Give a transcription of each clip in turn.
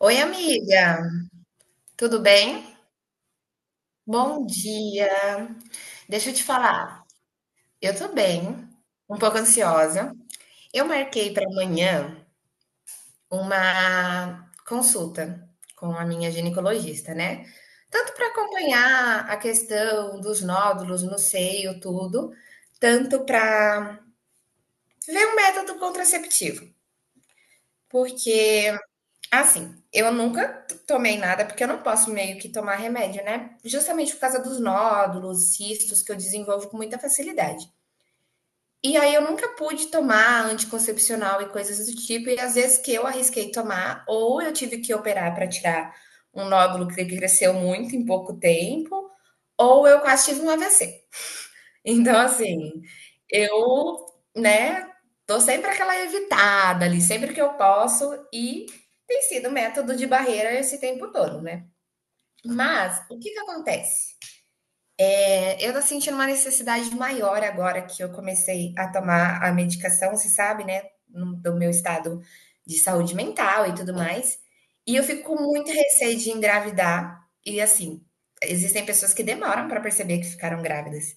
Oi, amiga, tudo bem? Bom dia. Deixa eu te falar, eu tô bem, um pouco ansiosa. Eu marquei para amanhã uma consulta com a minha ginecologista, né? Tanto para acompanhar a questão dos nódulos no seio, tudo, tanto para ver um método contraceptivo, porque Assim, eu nunca tomei nada, porque eu não posso meio que tomar remédio, né? Justamente por causa dos nódulos, cistos que eu desenvolvo com muita facilidade. E aí eu nunca pude tomar anticoncepcional e coisas do tipo, e às vezes que eu arrisquei tomar, ou eu tive que operar para tirar um nódulo que cresceu muito em pouco tempo, ou eu quase tive um AVC. Então, assim, eu, né, tô sempre aquela evitada ali, sempre que eu posso, e tem sido método de barreira esse tempo todo, né. Mas o que que acontece? Eu tô sentindo uma necessidade maior agora que eu comecei a tomar a medicação, você sabe, né, no do meu estado de saúde mental e tudo mais, e eu fico com muito receio de engravidar e, assim, existem pessoas que demoram para perceber que ficaram grávidas.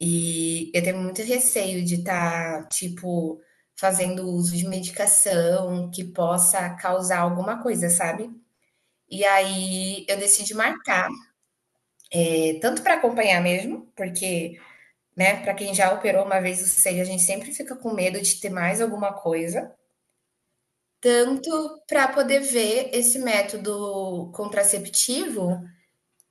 E eu tenho muito receio de estar, tipo, fazendo uso de medicação que possa causar alguma coisa, sabe? E aí eu decidi marcar, tanto para acompanhar mesmo, porque, né, para quem já operou uma vez o seio, a gente sempre fica com medo de ter mais alguma coisa, tanto para poder ver esse método contraceptivo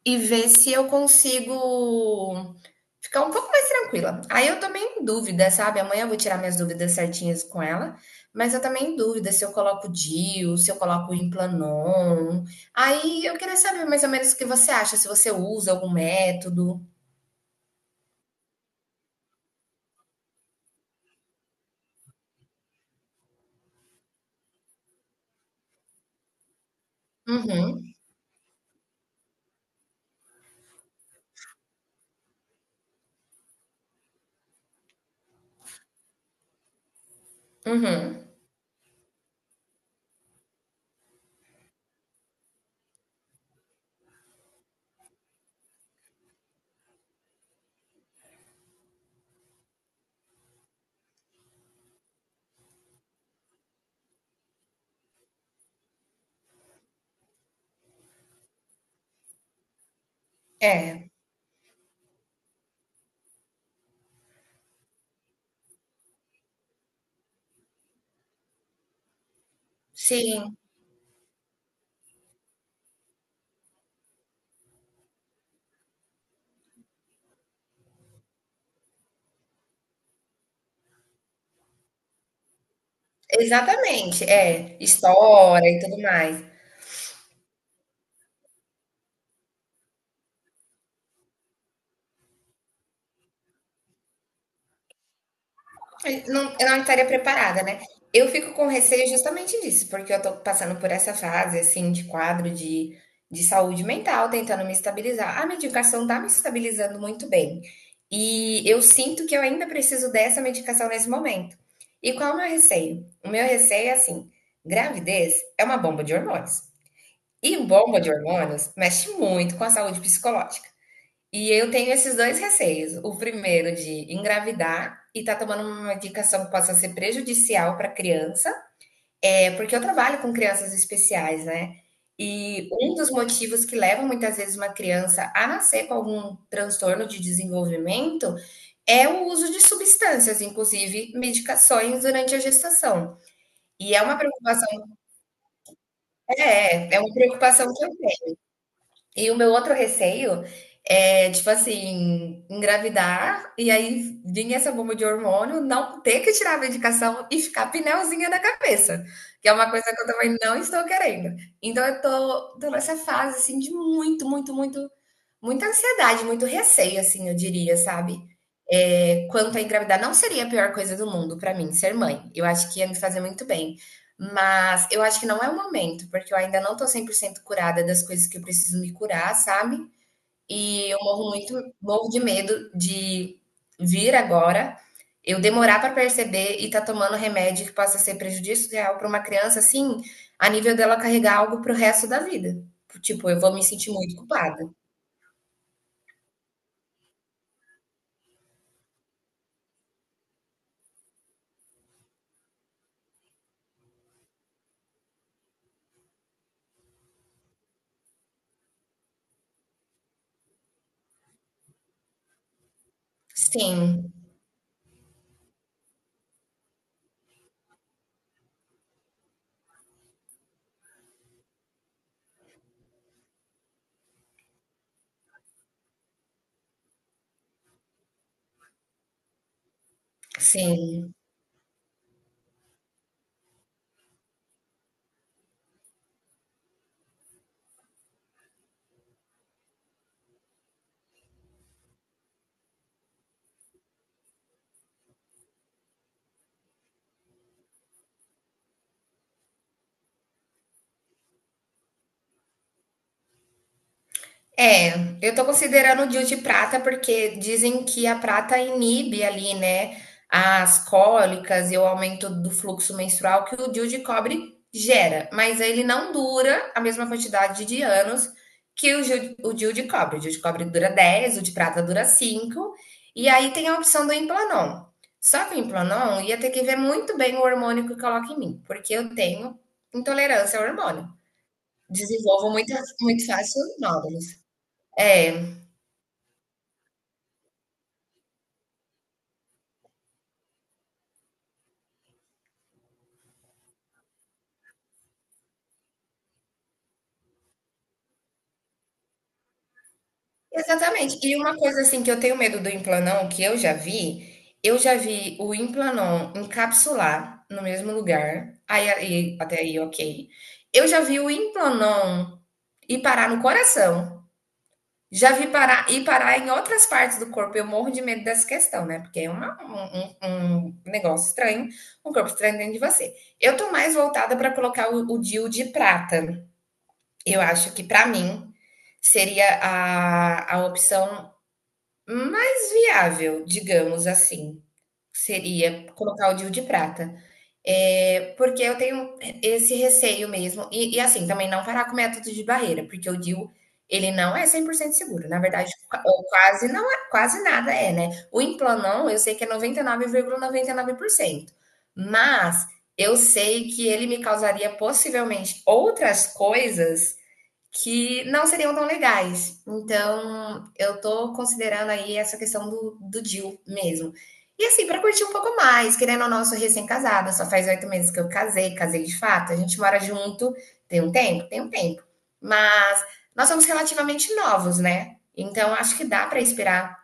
e ver se eu consigo ficar um pouco mais tranquila. Aí eu tô meio em dúvida, sabe? Amanhã eu vou tirar minhas dúvidas certinhas com ela, mas eu também em dúvida se eu coloco DIU, se eu coloco Implanon. Aí eu queria saber mais ou menos o que você acha, se você usa algum método. Uhum, uhum. É, sim, exatamente. É, estoura e tudo mais. É, não, eu não estaria preparada, né? Eu fico com receio justamente disso, porque eu tô passando por essa fase, assim, de quadro de saúde mental, tentando me estabilizar. A medicação tá me estabilizando muito bem. E eu sinto que eu ainda preciso dessa medicação nesse momento. E qual é o meu receio? O meu receio é assim: gravidez é uma bomba de hormônios. E bomba de hormônios mexe muito com a saúde psicológica. E eu tenho esses dois receios. O primeiro de engravidar e tá tomando uma medicação que possa ser prejudicial para a criança, é porque eu trabalho com crianças especiais, né? E um dos motivos que levam muitas vezes uma criança a nascer com algum transtorno de desenvolvimento é o uso de substâncias, inclusive medicações durante a gestação. E é uma preocupação, é uma preocupação que eu. E o meu outro receio é, tipo assim, engravidar e aí vir essa bomba de hormônio, não ter que tirar a medicação e ficar pneuzinha da cabeça, que é uma coisa que eu também não estou querendo. Então eu tô nessa fase assim de muito, muito, muito, muita ansiedade, muito receio, assim, eu diria, sabe. Quanto a engravidar, não seria a pior coisa do mundo para mim ser mãe, eu acho que ia me fazer muito bem, mas eu acho que não é o momento, porque eu ainda não tô 100% curada das coisas que eu preciso me curar, sabe. E eu morro de medo de vir agora, eu demorar para perceber e tá tomando remédio que possa ser prejudicial para uma criança, assim, a nível dela carregar algo para o resto da vida. Tipo, eu vou me sentir muito culpada. Sim. Sim. É, eu tô considerando o DIU de prata, porque dizem que a prata inibe ali, né, as cólicas e o aumento do fluxo menstrual que o DIU de cobre gera, mas ele não dura a mesma quantidade de anos que o DIU de cobre. O DIU de cobre dura 10, o de prata dura 5. E aí tem a opção do Implanon. Só que o Implanon ia ter que ver muito bem o hormônio que coloca em mim, porque eu tenho intolerância ao hormônio. Desenvolvam muito, muito fácil os nódulos. É, exatamente. E uma coisa assim que eu tenho medo do implanon, que eu já vi o implanon encapsular no mesmo lugar, aí, até aí ok. Eu já vi o implanon ir parar no coração. Já vi parar ir parar em outras partes do corpo. Eu morro de medo dessa questão, né? Porque é um negócio estranho, um corpo estranho dentro de você. Eu tô mais voltada para colocar o DIU de prata. Eu acho que para mim seria a opção mais viável, digamos assim, seria colocar o DIU de prata. É, porque eu tenho esse receio mesmo, e assim, também não parar com o método de barreira, porque o DIU, ele não é cem por cento seguro, na verdade, ou quase não é, quase nada é, né? O Implanon, eu sei que é noventa e nove vírgula noventa e nove por cento, mas eu sei que ele me causaria possivelmente outras coisas que não seriam tão legais. Então, eu tô considerando aí essa questão do deal mesmo. E assim, para curtir um pouco mais, querendo ou não, eu sou recém-casada, só faz 8 meses que eu casei, casei de fato, a gente mora junto, tem um tempo? Tem um tempo. Mas nós somos relativamente novos, né? Então, acho que dá para esperar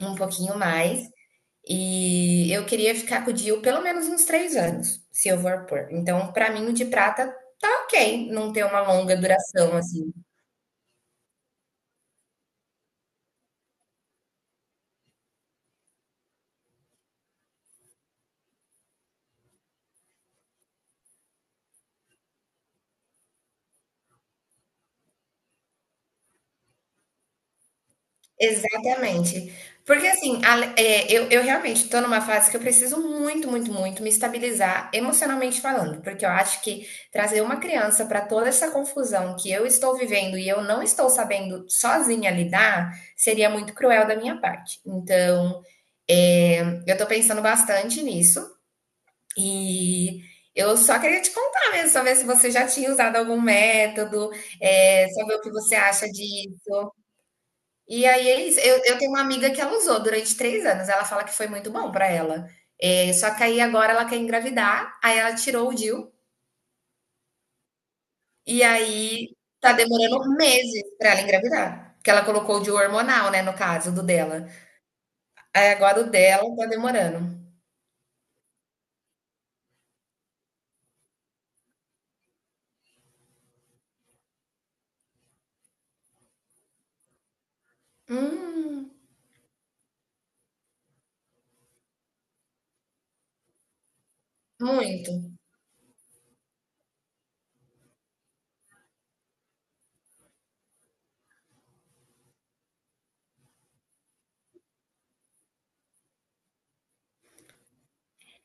um pouquinho mais. E eu queria ficar com o Dio pelo menos uns 3 anos, se eu for pôr. Então, para mim, o de prata tá ok, não ter uma longa duração assim. Exatamente. Porque assim, eu realmente estou numa fase que eu preciso muito, muito, muito me estabilizar emocionalmente falando, porque eu acho que trazer uma criança para toda essa confusão que eu estou vivendo e eu não estou sabendo sozinha lidar, seria muito cruel da minha parte. Então, eh, eu estou pensando bastante nisso e eu só queria te contar mesmo, só ver se você já tinha usado algum método, saber o que você acha. De E aí, eu tenho uma amiga que ela usou durante 3 anos, ela fala que foi muito bom pra ela. Só que aí agora ela quer engravidar, aí ela tirou o DIU, e aí tá demorando meses pra ela engravidar, porque ela colocou o DIU hormonal, né, no caso do dela. Aí agora o dela tá demorando. Hum, muito.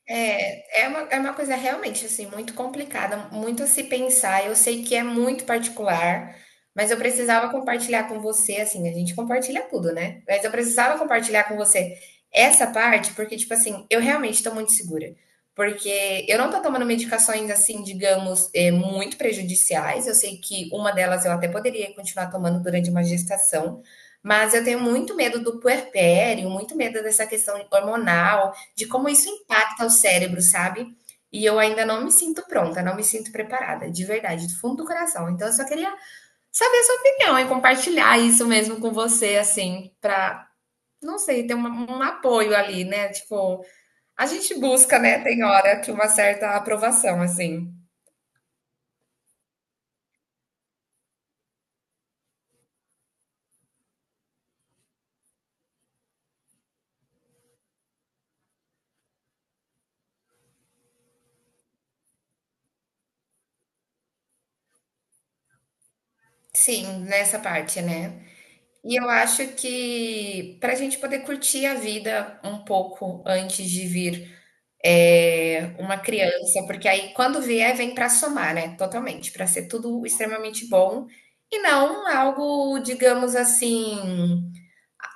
É, é uma coisa realmente assim muito complicada, muito a se pensar. Eu sei que é muito particular, mas eu precisava compartilhar com você, assim, a gente compartilha tudo, né? Mas eu precisava compartilhar com você essa parte, porque, tipo assim, eu realmente estou muito segura. Porque eu não tô tomando medicações, assim, digamos, muito prejudiciais. Eu sei que uma delas eu até poderia continuar tomando durante uma gestação, mas eu tenho muito medo do puerpério, muito medo dessa questão hormonal de como isso impacta o cérebro, sabe? E eu ainda não me sinto pronta, não me sinto preparada, de verdade, do fundo do coração. Então eu só queria saber a sua opinião e compartilhar isso mesmo com você, assim, para não sei, ter um apoio ali, né? Tipo, a gente busca, né? Tem hora que uma certa aprovação, assim. Sim, nessa parte, né? E eu acho que para a gente poder curtir a vida um pouco antes de vir uma criança, porque aí quando vier, vem para somar, né? Totalmente, para ser tudo extremamente bom e não algo, digamos assim,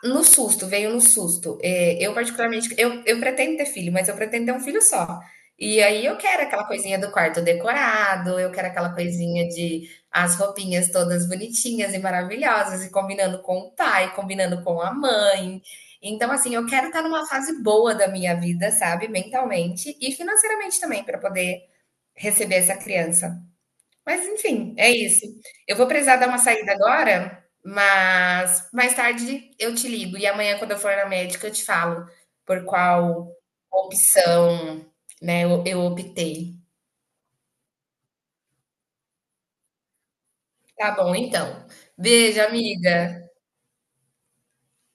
no susto, veio no susto. É, eu particularmente, eu pretendo ter filho, mas eu pretendo ter um filho só. E aí eu quero aquela coisinha do quarto decorado, eu quero aquela coisinha de as roupinhas todas bonitinhas e maravilhosas, e combinando com o pai, combinando com a mãe. Então, assim, eu quero estar numa fase boa da minha vida, sabe? Mentalmente e financeiramente também, para poder receber essa criança. Mas enfim, é isso. Eu vou precisar dar uma saída agora, mas mais tarde eu te ligo. E amanhã, quando eu for na médica, eu te falo por qual opção, né, eu optei. Tá bom, então. Beijo, amiga.